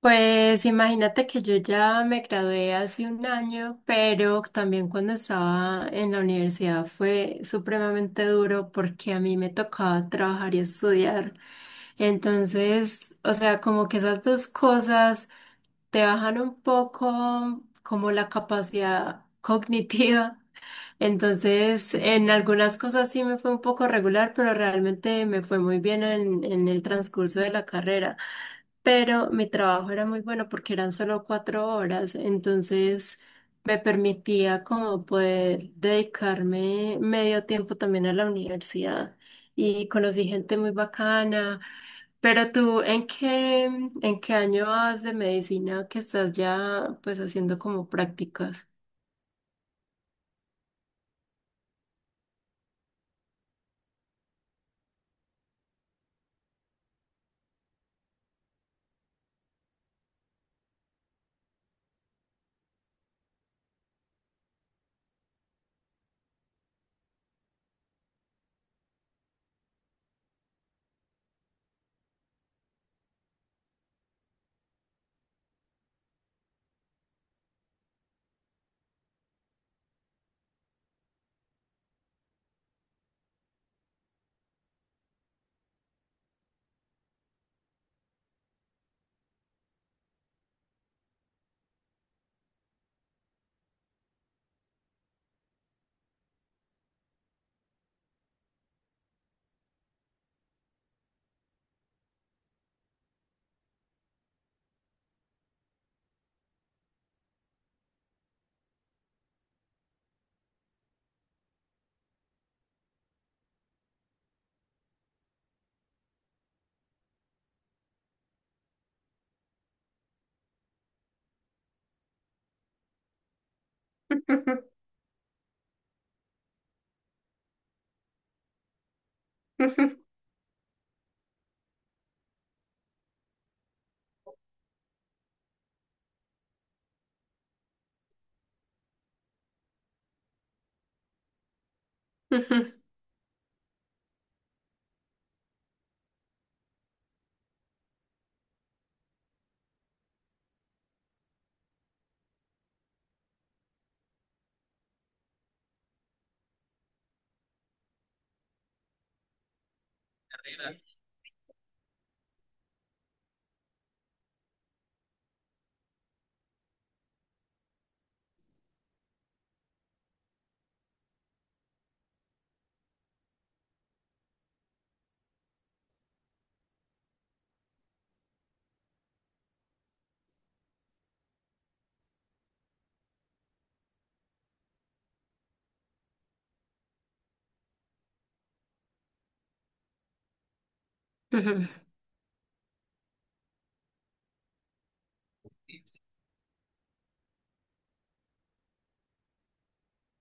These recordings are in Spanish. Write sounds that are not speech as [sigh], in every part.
Pues imagínate que yo ya me gradué hace 1 año, pero también cuando estaba en la universidad fue supremamente duro porque a mí me tocaba trabajar y estudiar. Entonces, o sea, como que esas dos cosas te bajan un poco como la capacidad [laughs] cognitiva. Entonces, en algunas cosas sí me fue un poco regular, pero realmente me fue muy bien en el transcurso de la carrera, pero mi trabajo era muy bueno porque eran solo 4 horas, entonces me permitía como poder dedicarme medio tiempo también a la universidad y conocí gente muy bacana. Pero tú, ¿en qué año vas de medicina que estás ya pues haciendo como prácticas? [laughs]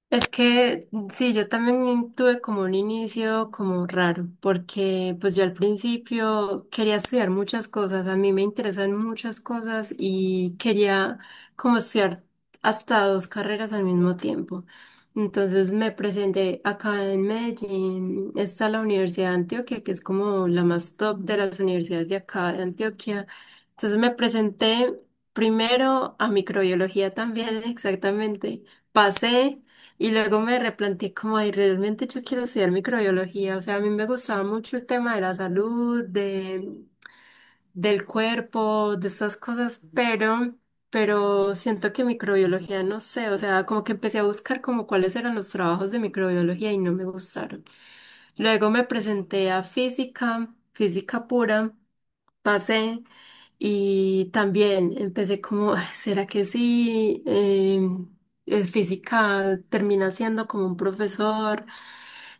Es que mm, sí, yo también tuve como un inicio como raro, porque pues yo al principio quería estudiar muchas cosas, a mí me interesan muchas cosas y quería como estudiar hasta dos carreras al mismo tiempo. Entonces me presenté acá en Medellín, está la Universidad de Antioquia, que es como la más top de las universidades de acá de Antioquia. Entonces me presenté primero a microbiología también, [laughs] exactamente. Pasé. Y luego me replanteé como, ay, realmente yo quiero estudiar microbiología. O sea, a mí me gustaba mucho el tema de la salud, de, del cuerpo, de estas cosas, pero siento que microbiología, no sé, o sea, como que empecé a buscar como cuáles eran los trabajos de microbiología y no me gustaron. Luego me presenté a física, física pura, pasé y también empecé como, "Ay, ¿será que sí? Es física, termina siendo como un profesor".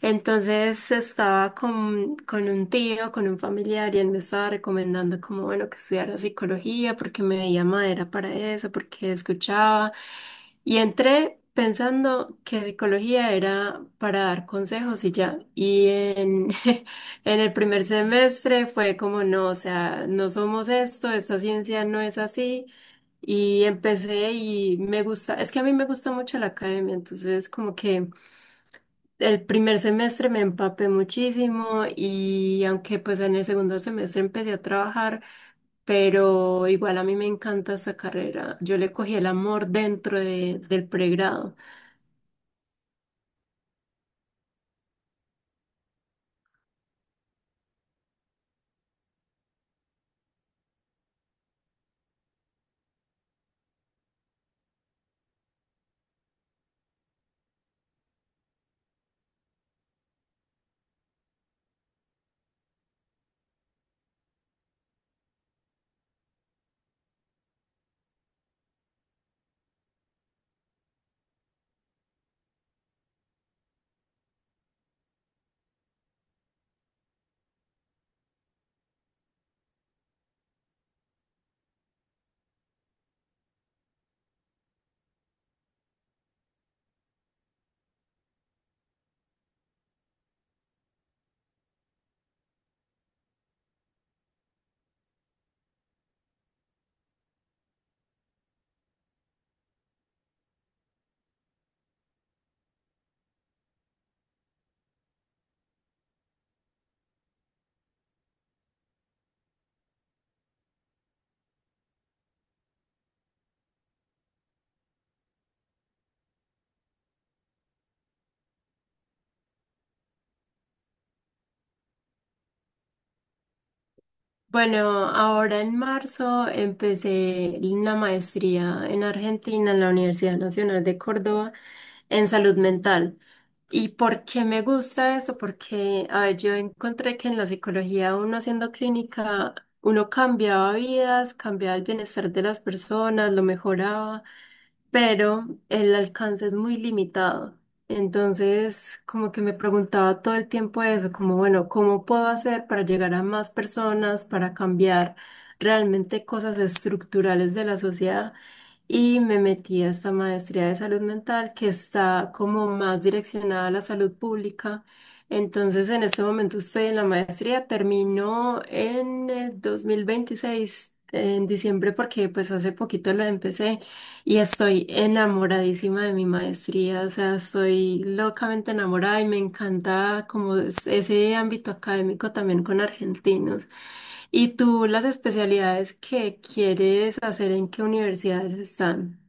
Entonces estaba con un tío, con un familiar, y él me estaba recomendando como, bueno, que estudiara psicología porque me veía madera para eso, porque escuchaba. Y entré pensando que psicología era para dar consejos y ya. Y en, [laughs] en el primer semestre fue como, no, o sea, no somos esto, esta ciencia no es así. Y empecé y me gusta, es que a mí me gusta mucho la academia, entonces como que... El primer semestre me empapé muchísimo y aunque pues en el segundo semestre empecé a trabajar, pero igual a mí me encanta esa carrera. Yo le cogí el amor dentro del pregrado. Bueno, ahora en marzo empecé una maestría en Argentina, en la Universidad Nacional de Córdoba, en salud mental. ¿Y por qué me gusta eso? Porque, a ver, yo encontré que en la psicología, uno haciendo clínica, uno cambiaba vidas, cambiaba el bienestar de las personas, lo mejoraba, pero el alcance es muy limitado. Entonces, como que me preguntaba todo el tiempo eso, como, bueno, ¿cómo puedo hacer para llegar a más personas, para cambiar realmente cosas estructurales de la sociedad? Y me metí a esta maestría de salud mental que está como más direccionada a la salud pública. Entonces, en este momento estoy en la maestría, terminó en el 2026 en diciembre, porque pues hace poquito la empecé y estoy enamoradísima de mi maestría, o sea, estoy locamente enamorada y me encanta como ese ámbito académico también con argentinos. ¿Y tú las especialidades que quieres hacer en qué universidades están?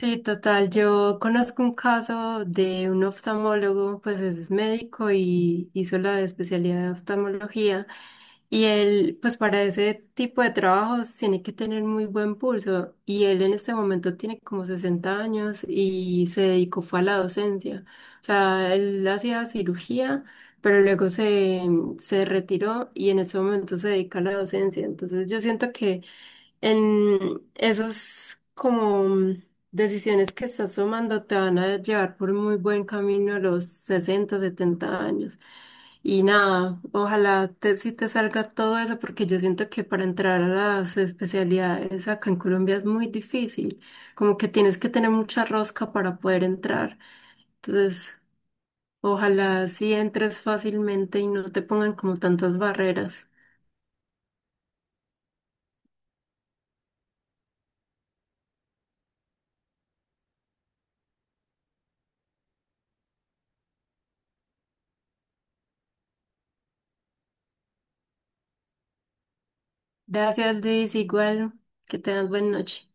Sí, total. Yo conozco un caso de un oftalmólogo, pues es médico y hizo la especialidad de oftalmología. Y él, pues para ese tipo de trabajos tiene que tener muy buen pulso. Y él en este momento tiene como 60 años y se dedicó fue a la docencia. O sea, él hacía cirugía, pero luego se retiró y en este momento se dedica a la docencia. Entonces yo siento que en esas como decisiones que estás tomando te van a llevar por muy buen camino a los 60, 70 años. Y nada, ojalá sí te salga todo eso, porque yo siento que para entrar a las especialidades acá en Colombia es muy difícil, como que tienes que tener mucha rosca para poder entrar. Entonces, ojalá sí entres fácilmente y no te pongan como tantas barreras. Gracias, Luis, igual, que tengas buena noche.